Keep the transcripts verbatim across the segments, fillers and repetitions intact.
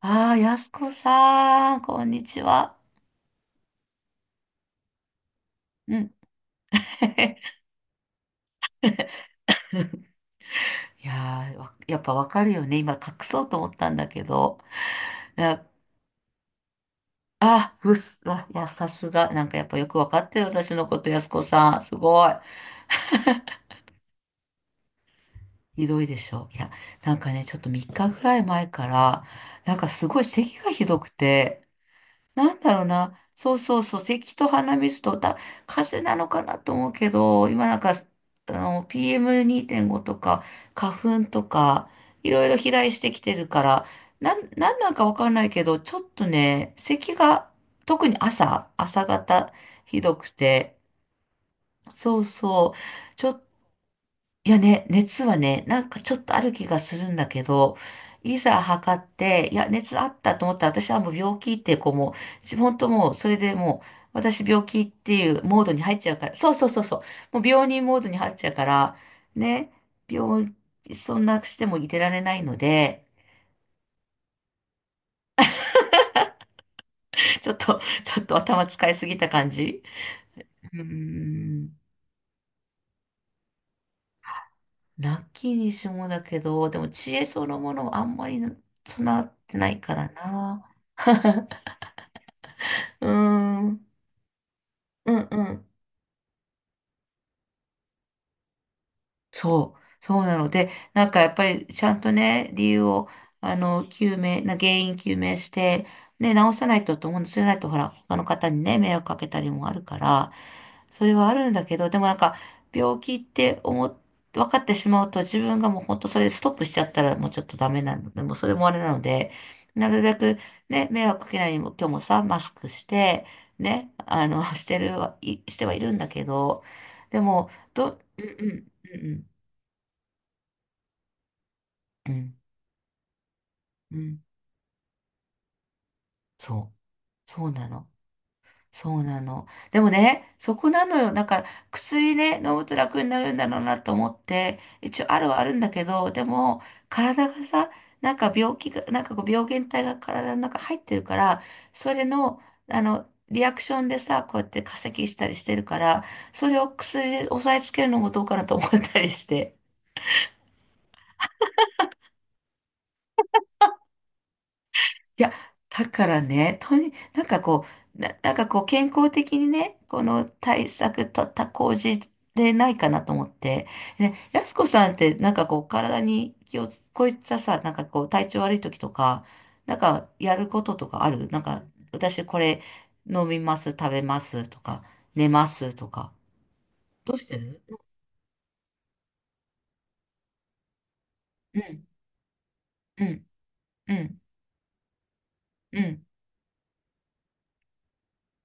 ああ、やすこさん、こんにちは。うん。いやー、わやっぱわかるよね。今隠そうと思ったんだけど。いやあ、うっす、あ、いや、さすが。なんかやっぱよくわかってる私のこと、やすこさん。すごい。ひどいでしょ。いや、なんかね、ちょっとみっかぐらい前から、なんかすごい咳がひどくて、なんだろうな。そうそうそう。咳と鼻水とだ、風邪なのかなと思うけど、今なんか、あの、ピーエムにーてんご とか、花粉とか、いろいろ飛来してきてるから、なん、なんなんかわかんないけど、ちょっとね、咳が、特に朝、朝方、ひどくて、そうそう。ちょっいやね、熱はね、なんかちょっとある気がするんだけど、いざ測って、いや、熱あったと思ったら、私はもう病気っていう、こうもう、本当もう、それでもう、私病気っていうモードに入っちゃうから、そうそうそうそう、もう病人モードに入っちゃうから、ね、病、そんなしてもいてられないので、ちょっと、ちょっと頭使いすぎた感じ。うーん。ラッキーにしもだけど、でも知恵そのものはあんまり備わってないからな。うーん。うんうん、そう、そうなので、なんかやっぱりちゃんとね、理由を、あの、究明、な原因究明して、ね、直さないとと思うんです。じゃないと、ほら、他の方にね、迷惑かけたりもあるから、それはあるんだけど、でもなんか、病気って思っ、分かってしまうと、自分がもう本当それでストップしちゃったら、もうちょっとダメなので、もうそれもあれなので、なるべくね、迷惑かけないようにも、今日もさ、マスクして、ね、あの、してるは、いしてはいるんだけど、でも、ど、うんうん、うんうんうん、うん、そう、そうなの。そうなの。でもね、そこなのよ。だから、薬ね、飲むと楽になるんだろうなと思って、一応あるはあるんだけど、でも、体がさ、なんか病気が、なんかこう病原体が体の中入ってるから、それの、あの、リアクションでさ、こうやって化石したりしてるから、それを薬で抑えつけるのもどうかなと思ったりして。いや、だからね、とに、なんかこう、な、なんかこう、健康的にね、この対策とった工事でないかなと思って。で、やすこさんって、なんかこう、体に気をつ、こういったさ、なんかこう、体調悪い時とか、なんかやることとかあるなんか、私これ飲みます、食べますとか、寝ますとか。どうしてる？うん、うん、うん、うん。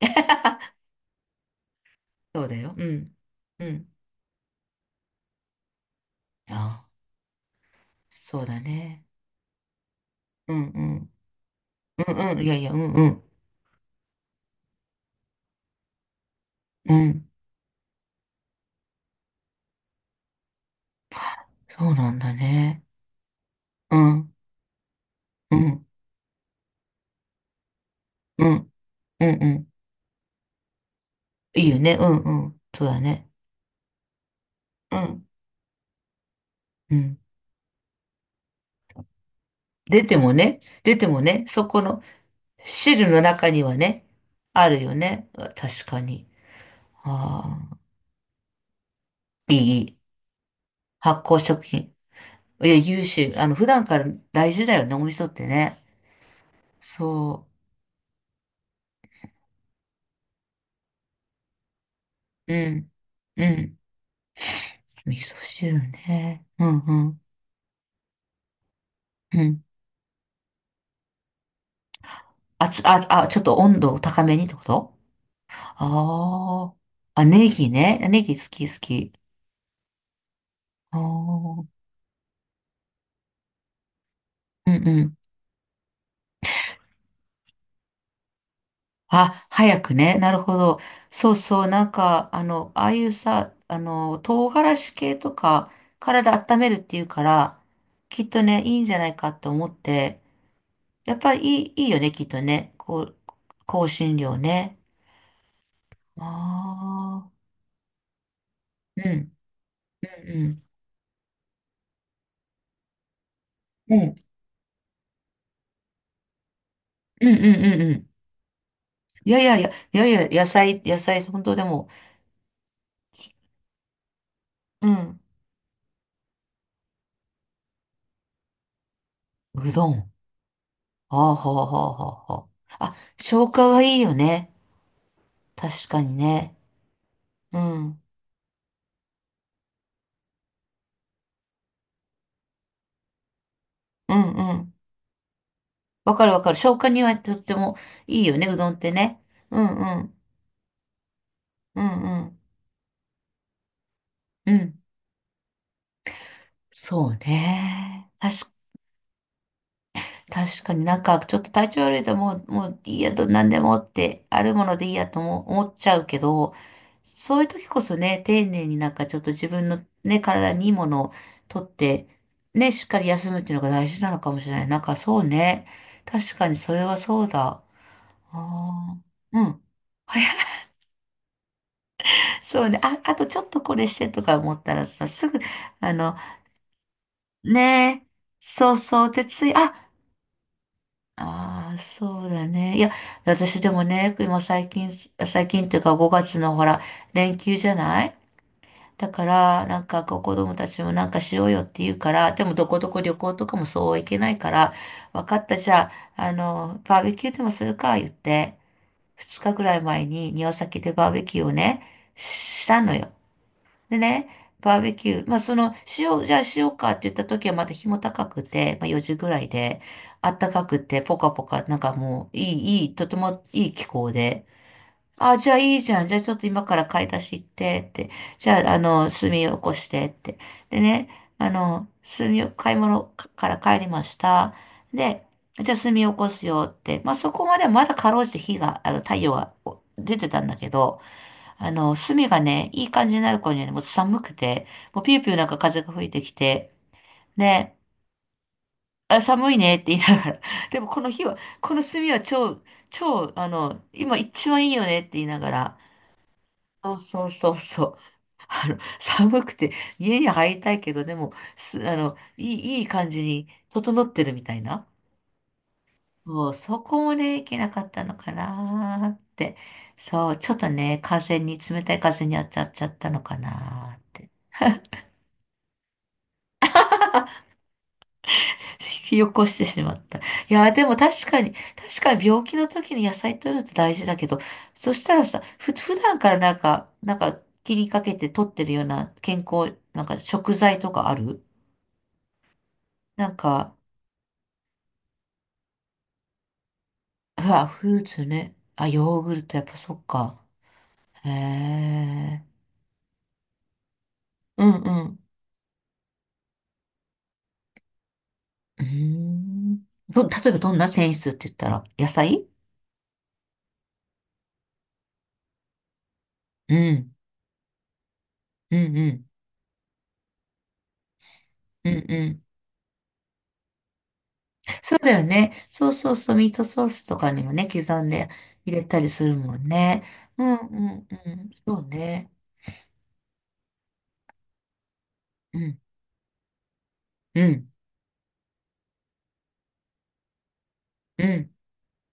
そうだよ。うん、うん。あ、そうだね。うん、うん。うんうん、いやいや、うんうん、うん。そうなんだね。うん、うん、うん、うん、うん。いいよね、うん、うん。そうだね。うん、うん。出てもね、出てもね、そこの汁の中にはね、あるよね。確かに。ああ、いい、いい、発酵食品。いや、優秀。あの、普段から大事だよね、お味噌ってね。そう。うん、うん。味噌汁ね。うん、うん、うん。あつ、あ、あ、ちょっと温度を高めにってこと？ああ。あ、ネギね。ネギ好き好き。ああ。うんうん。あ、早くね。なるほど。そうそう。なんか、あの、ああいうさ、あの、唐辛子系とか、体温めるっていうから、きっとね、いいんじゃないかって思って、やっぱりいい、いいよね、きっとね。こう、香辛料ね。ああ。うん、うん、うん。うん、うん、うん、うん。うん、いやいやいや、いやいや、野菜、野菜、本当でも、うん。うどん。ああ、はあ、はあ、はあ、はあ。あ、消化がいいよね。確かにね。うん。うん、うん。わかるわかる。消化にはとってもいいよね、うどんってね。うん、うん。うん、うん。うん。そうね。確確かになんかちょっと体調悪いともう、もういいやと何でもってあるものでいいやとも思っちゃうけど、そういう時こそね、丁寧になんかちょっと自分のね、体にいいものをとって、ね、しっかり休むっていうのが大事なのかもしれない。なんかそうね。確かにそれはそうだ。ああ。うん。そうね。あ、あとちょっとこれしてとか思ったらさ、すぐ、あの、ねえ、そうそう、でつい、あ、ああ、そうだね。いや、私でもね、今最近、最近っていうかごがつのほら、連休じゃない？だから、なんかこう子供たちもなんかしようよって言うから、でもどこどこ旅行とかもそうはいけないから、わかった、じゃあ、あの、バーベキューでもするか、言って、ふつかぐらい前に庭先でバーベキューをね、したのよ。でね、バーベキュー。まあ、その、しよう、じゃあしようかって言った時はまだ日も高くて、まあよじぐらいで、あったかくて、ポカポカ、なんかもう、いい、いい、とてもいい気候で。あ、じゃあいいじゃん。じゃあちょっと今から買い出し行ってって。じゃあ、あの、炭起こしてって。でね、あの、炭を、買い物かから帰りました。で、じゃあ炭起こすよって。まあ、そこまではまだかろうじて火が、あの、太陽がお出てたんだけど、あの、炭がね、いい感じになる頃にはね、もう寒くて、もうピューピューなんか風が吹いてきて、ね、あ、寒いねって言いながら、でもこの火は、この炭は超、超、あの、今一番いいよねって言いながら、そうそうそうそう。あの、寒くて家に入りたいけど、でも、す、あの、いい、いい感じに整ってるみたいな。もうそこもね、いけなかったのかなーって。そう、ちょっとね、風に、冷たい風に当たっちゃったのかなーって。引き起こしてしまった。いやー、でも確かに、確かに病気の時に野菜取るって大事だけど、そしたらさ、ふ、普段からなんか、なんか気にかけて取ってるような健康、なんか食材とかあるなんか、うわ、フルーツね。あ、ヨーグルト、やっぱそっか。へえ。うんうん。うーん。ど、例えばどんな繊維質って言ったら、野菜？うん。うんうん。うんうん。そうだよね。そうそうそう、ミートソースとかにもね、刻んで入れたりするもんね。うんうんうん。そうね。うんうんうん。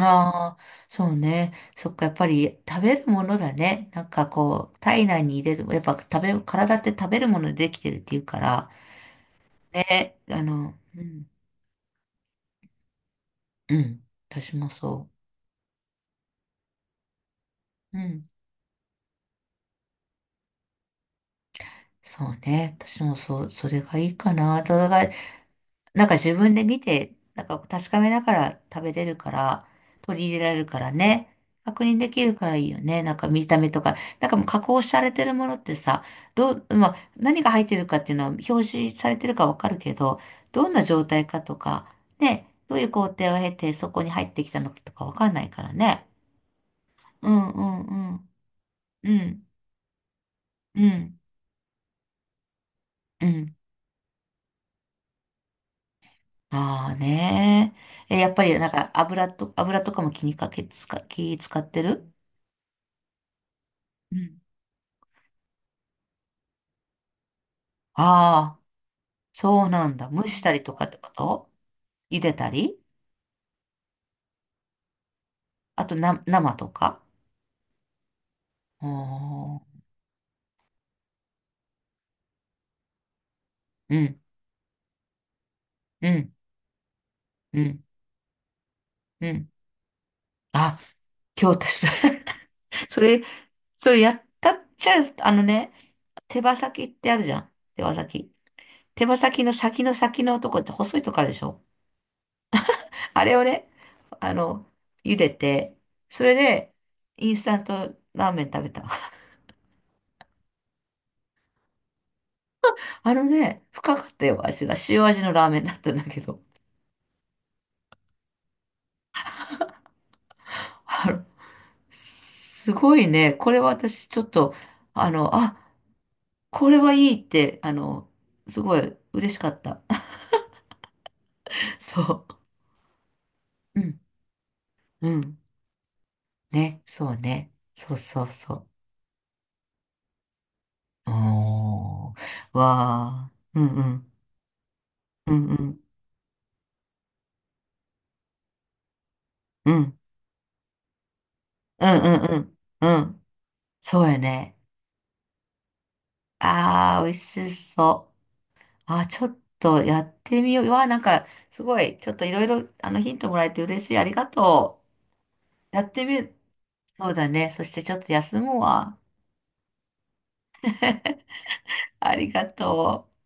ああ、そうね。そっか、やっぱり食べるものだね。なんかこう、体内に入れる、やっぱ食べ、体って食べるものでできてるっていうから、え、あの、うん、うん、私もそう。うん。そうね。私もそう、それがいいかな。それがなんか自分で見て、なんか確かめながら食べれるから、取り入れられるからね。確認できるからいいよね。なんか見た目とか。なんかもう加工されてるものってさ、どう、まあ、何が入ってるかっていうのは表示されてるかわかるけど、どんな状態かとか、ね、どういう工程を経てそこに入ってきたのかとかわかんないからね。うんうんうん。うん。うん。うん。ああねえ。え、やっぱりなんか油と、油とかも気にかけ、使、気使ってる？ああ、そうなんだ。蒸したりとかってこと？茹でたり、あとな、生とか、あー、うん、うん、うん、うん。あ、今日私、それ、それやったっちゃ、あのね、手羽先ってあるじゃん。手羽先。手羽先の先の先のとこって細いとこあるでしょ？あれをね、あの、茹でて、それで、インスタントラーメン食べた。あのね、深かったよ、味が。塩味のラーメンだったんだけど。あの、すごいね。これは私ちょっと、あの、あ、これはいいって、あの、すごい嬉しかった。そう。うん。うん。ね。そうね。そうそうそう。おー。わー。うんうん。うんうん。うん。うんうんうん。うん。そうやね。あー、美味しそう。あ、ちょっとやってみよう。うわ、なんか、すごい。ちょっといろいろ、あの、ヒントもらえて嬉しい。ありがとう。やってみる。そうだね。そしてちょっと休むわ。ありがとう。